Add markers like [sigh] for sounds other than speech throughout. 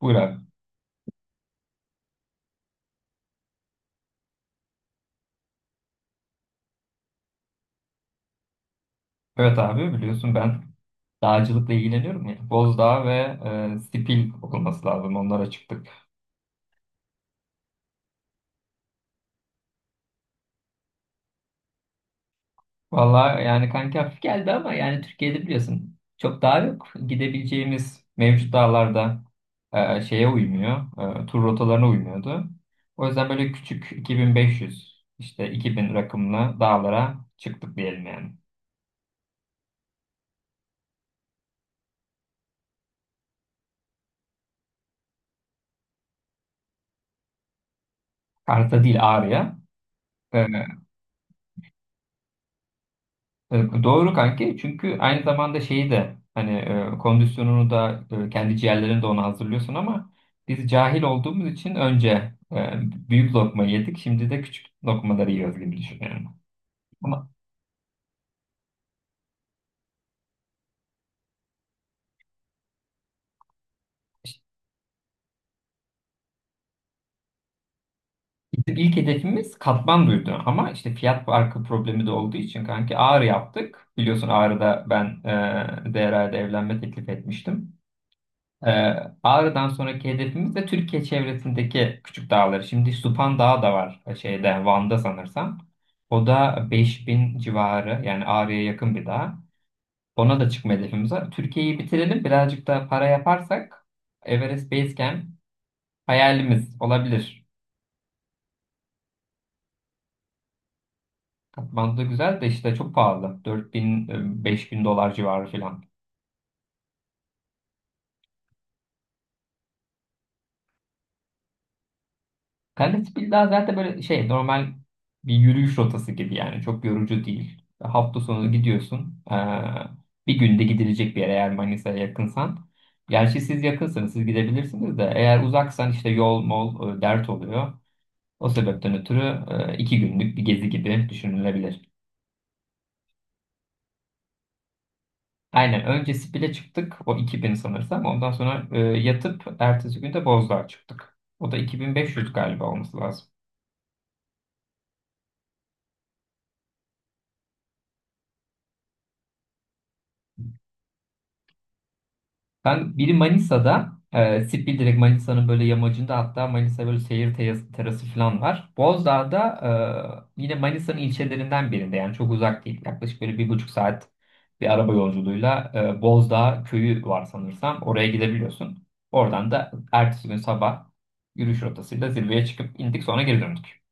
Buyur abi. Evet abi biliyorsun ben dağcılıkla ilgileniyorum ya. Bozdağ ve Sipil olması lazım onlara çıktık. Valla yani kanki hafif geldi ama yani Türkiye'de biliyorsun çok dağ yok. Gidebileceğimiz mevcut dağlarda şeye uymuyor. Tur rotalarına uymuyordu. O yüzden böyle küçük 2.500 işte 2.000 rakımlı dağlara çıktık diyelim yani. Karta değil Ağrı'ya. E, Doğru kanki çünkü aynı zamanda şeyi de hani kondisyonunu da kendi ciğerlerini de ona hazırlıyorsun ama biz cahil olduğumuz için önce e, büyük lokma yedik, şimdi de küçük lokmaları yiyoruz gibi düşünüyorum. Ama işte bizim ilk hedefimiz Katmandu'ydu, ama işte fiyat farkı problemi de olduğu için kanki Ağrı yaptık. Biliyorsun Ağrı'da ben Değeray'da evlenme teklif etmiştim. Ee, Ağrı'dan sonraki hedefimiz de Türkiye çevresindeki küçük dağları. Şimdi Supan Dağı da var şeyde, Van'da sanırsam. O da 5.000 civarı, yani Ağrı'ya yakın bir dağ. Ona da çıkma hedefimiz var. Türkiye'yi bitirelim, birazcık da para yaparsak Everest Base Camp hayalimiz olabilir. Katmandu güzel de işte çok pahalı. Bin dolar civarı falan. Kalispil daha zaten böyle şey, normal bir yürüyüş rotası gibi, yani çok yorucu değil. Hafta sonu gidiyorsun. Bir günde gidilecek bir yer, eğer Manisa'ya yakınsan. Gerçi siz yakınsanız siz gidebilirsiniz de, eğer uzaksan işte yol mol dert oluyor. O sebepten ötürü iki günlük bir gezi gibi düşünülebilir. Aynen, önce Spil'e çıktık, o 2.000 sanırsam, ondan sonra yatıp ertesi gün de Bozdağ'a çıktık. O da 2.500 galiba olması lazım. Ben biri Manisa'da, Sipil direkt Manisa'nın böyle yamacında, hatta Manisa böyle seyir terası, terası falan var. Bozdağ'da yine Manisa'nın ilçelerinden birinde, yani çok uzak değil. Yaklaşık böyle 1,5 saat bir araba yolculuğuyla Bozdağ köyü var sanırsam. Oraya gidebiliyorsun. Oradan da ertesi gün sabah yürüyüş rotasıyla zirveye çıkıp indik, sonra geri döndük.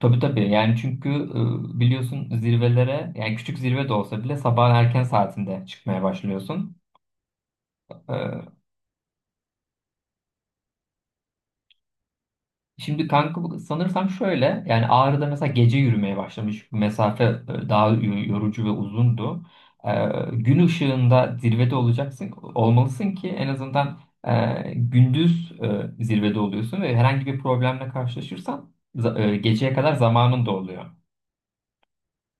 Tabii tabii, yani çünkü biliyorsun zirvelere, yani küçük zirve de olsa bile, sabah erken saatinde çıkmaya başlıyorsun. E, Şimdi kanka sanırsam şöyle, yani Ağrı'da mesela gece yürümeye başlamış. Bu mesafe daha yorucu ve uzundu. Ee, gün ışığında zirvede olacaksın, olmalısın ki en azından gündüz zirvede oluyorsun ve herhangi bir problemle karşılaşırsan geceye kadar zamanın da oluyor.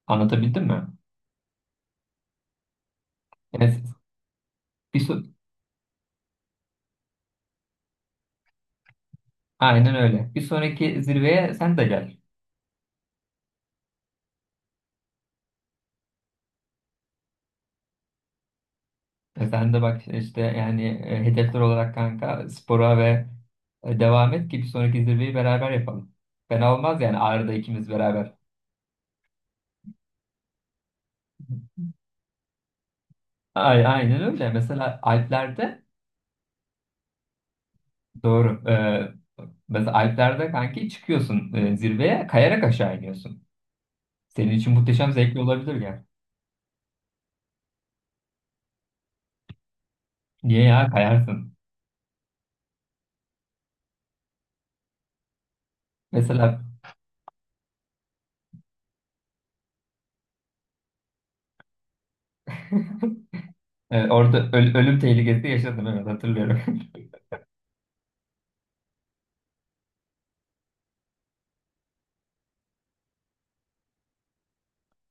Anlatabildim mi? Yani bir so- Aynen öyle. Bir sonraki zirveye sen de gel. Sen de bak işte, yani hedefler olarak kanka spora ve devam et ki bir sonraki zirveyi beraber yapalım. Fena olmaz, yani Ağrı'da ikimiz beraber. Ay, aynen öyle. Mesela Alpler'de doğru. Mesela Alpler'de kanki çıkıyorsun, zirveye kayarak aşağı iniyorsun. Senin için muhteşem zevkli olabilir ya. Niye ya, kayarsın? Mesela [laughs] orada ölüm tehlikesi yaşadım, evet hatırlıyorum. [laughs]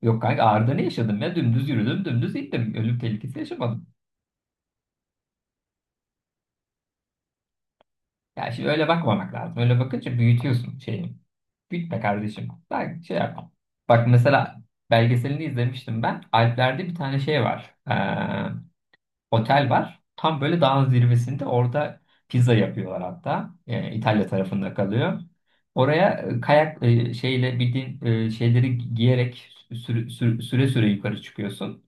Yok kanka, Ağrı'da ne yaşadım ya? Dümdüz yürüdüm, dümdüz gittim. Ölüm tehlikesi yaşamadım. Ya şimdi öyle bakmamak lazım. Öyle bakınca büyütüyorsun şeyi. Büyütme kardeşim. Ben şey yapmam. Bak mesela, belgeselini izlemiştim ben. Alplerde bir tane şey var. Otel var. Tam böyle dağın zirvesinde, orada pizza yapıyorlar hatta. İtalya tarafında kalıyor. Oraya kayak şeyle, bildiğin şeyleri giyerek süre süre yukarı çıkıyorsun.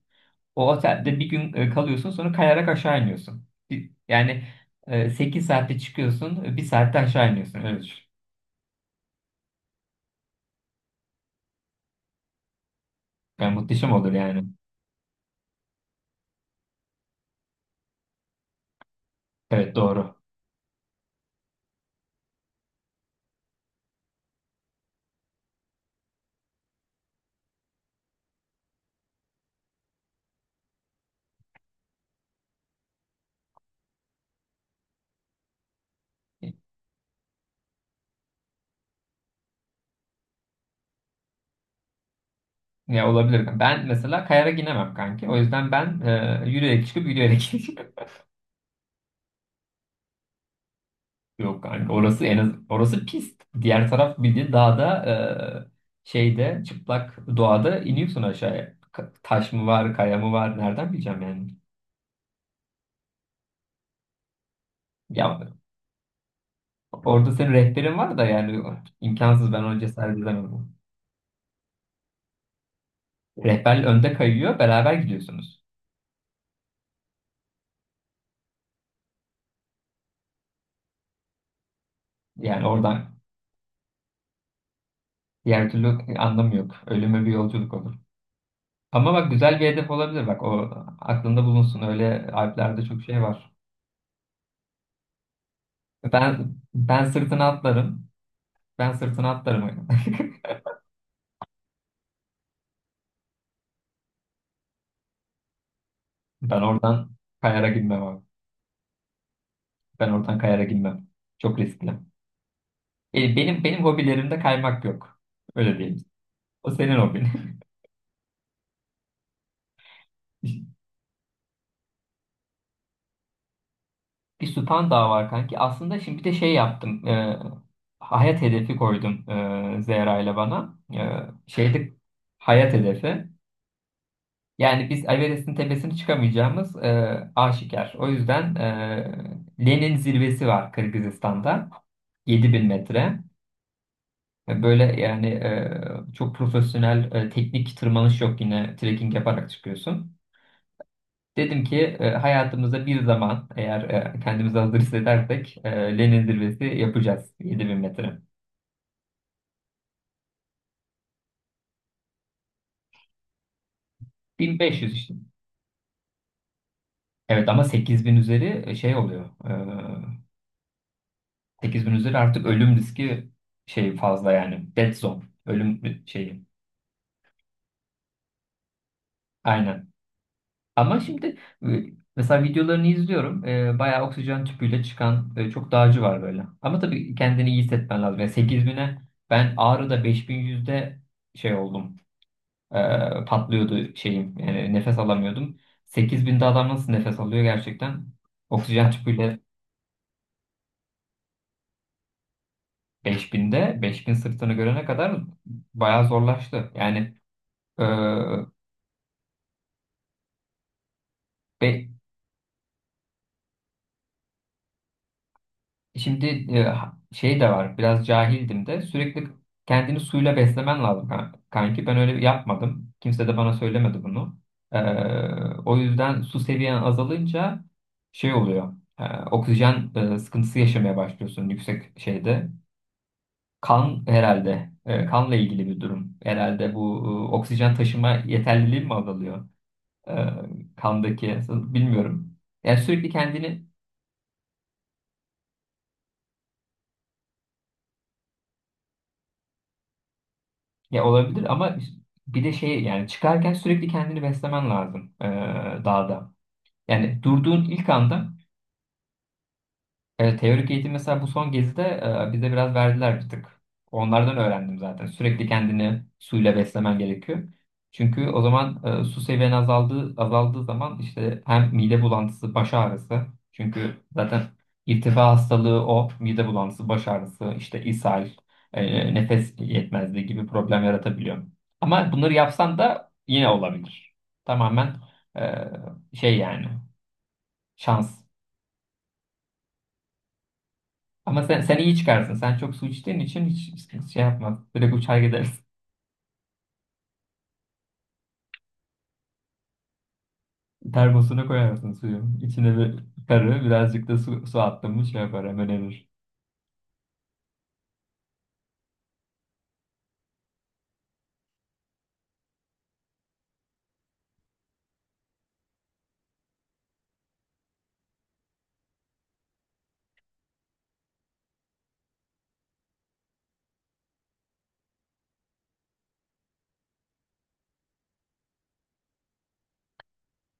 O otelde bir gün kalıyorsun, sonra kayarak aşağı iniyorsun. Yani sekiz 8 saatte çıkıyorsun, bir saatte aşağı iniyorsun. Evet. Yani muhteşem olur yani. Evet doğru. Ya olabilir. Ben mesela kayarak inemem kanki. O yüzden ben yürüyerek çıkıp yürüyerek [laughs] ineceğim. Yok kanka, orası en az orası pist. Diğer taraf bildiğin dağda şeyde, çıplak doğada iniyorsun aşağıya. Taş mı var, kaya mı var, nereden bileceğim yani. Ya orada senin rehberin var da, yani imkansız, ben ona cesaret edemedim. Rehber önde kayıyor, beraber gidiyorsunuz. Yani oradan diğer türlü anlamı yok. Ölüme bir yolculuk olur. Ama bak güzel bir hedef olabilir. Bak o aklında bulunsun. Öyle Alplerde çok şey var. Ben sırtına atlarım. Ben sırtına atlarım. [laughs] Ben oradan kayara girmem abi. Ben oradan kayara girmem. Çok riskli. Benim hobilerimde kaymak yok. Öyle diyeyim. O senin hobin. [laughs] Bir Süphan daha var kanki. Aslında şimdi bir de şey yaptım. Hayat hedefi koydum, Zehra ile bana. Şeydi hayat hedefi. Yani biz Everest'in tepesine çıkamayacağımız aşikar. O yüzden Lenin zirvesi var Kırgızistan'da. 7.000 metre. Böyle yani, çok profesyonel teknik tırmanış yok, yine trekking yaparak çıkıyorsun. Dedim ki hayatımızda bir zaman eğer kendimizi hazır hissedersek Lenin zirvesi yapacağız, 7.000 metre. 1.500 işte. Evet ama 8.000 üzeri şey oluyor. 8.000 üzeri artık ölüm riski şey fazla yani. Dead zone. Ölüm şeyi. Aynen. Ama şimdi e, mesela videolarını izliyorum. Bayağı oksijen tüpüyle çıkan çok dağcı var böyle. Ama tabii kendini iyi hissetmen lazım. Yani 8.000'e, ben Ağrı'da 5.100'de şey oldum. Patlıyordu şeyim. Nefes alamıyordum. 8.000'de adam nasıl nefes alıyor gerçekten? Oksijen tüpüyle 5.000'de, 5.000 sırtını görene kadar bayağı zorlaştı. Yani e, be- şimdi şey de var. Biraz cahildim de, sürekli kendini suyla beslemen lazım kanki. Ben öyle yapmadım. Kimse de bana söylemedi bunu. Ee, o yüzden su seviyen azalınca şey oluyor. Ee, oksijen sıkıntısı yaşamaya başlıyorsun yüksek şeyde. Kan herhalde. Kanla ilgili bir durum. Herhalde bu oksijen taşıma yeterliliği mi azalıyor? E, kandaki bilmiyorum. Yani sürekli kendini. Ya olabilir ama bir de şey yani, çıkarken sürekli kendini beslemen lazım dağda. Yani durduğun ilk anda. Evet, teorik eğitim mesela bu son gezide bize biraz verdiler bir tık. Onlardan öğrendim zaten. Sürekli kendini suyla beslemen gerekiyor. Çünkü o zaman su seviyen azaldığı zaman, işte hem mide bulantısı, baş ağrısı. Çünkü zaten irtifa hastalığı, o mide bulantısı, baş ağrısı, işte ishal, nefes yetmezliği gibi problem yaratabiliyor. Ama bunları yapsan da yine olabilir. Tamamen e, şey yani, şans. Ama sen iyi çıkarsın. Sen çok su içtiğin için hiç şey yapma. Direkt uçar gidersin. [laughs] Termosuna koyarsın suyu. İçine bir karı, birazcık da su attın mı, şey yapar, hemen erir.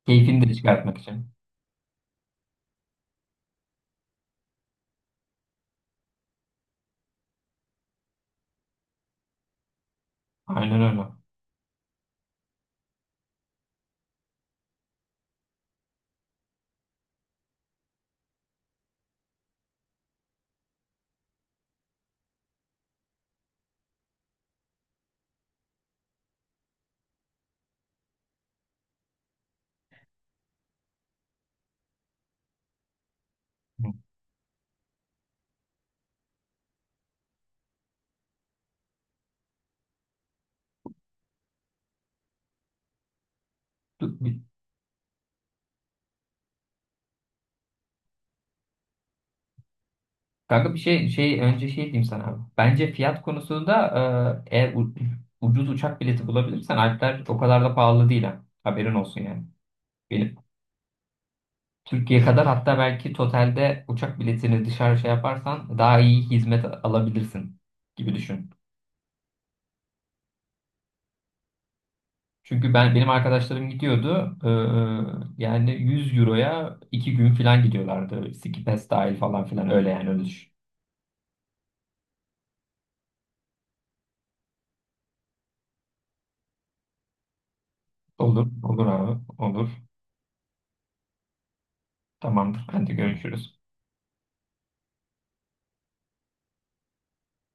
Keyfini de çıkartmak için. Aynen öyle. Hı. Du- bir- Kanka bir şey önce şey diyeyim sana abi. Bence fiyat konusunda eğer ucuz uçak bileti bulabilirsen Alpler o kadar da pahalı değil ha. Haberin olsun yani. Benim, Türkiye kadar, hatta belki totalde uçak biletini dışarı şey yaparsan daha iyi hizmet alabilirsin gibi düşün. Çünkü benim arkadaşlarım gidiyordu. Yani 100 euroya 2 gün falan gidiyorlardı. Ski pass dahil falan filan, öyle yani, öyle düşün. Olur, olur abi, olur. Tamamdır. Hadi görüşürüz.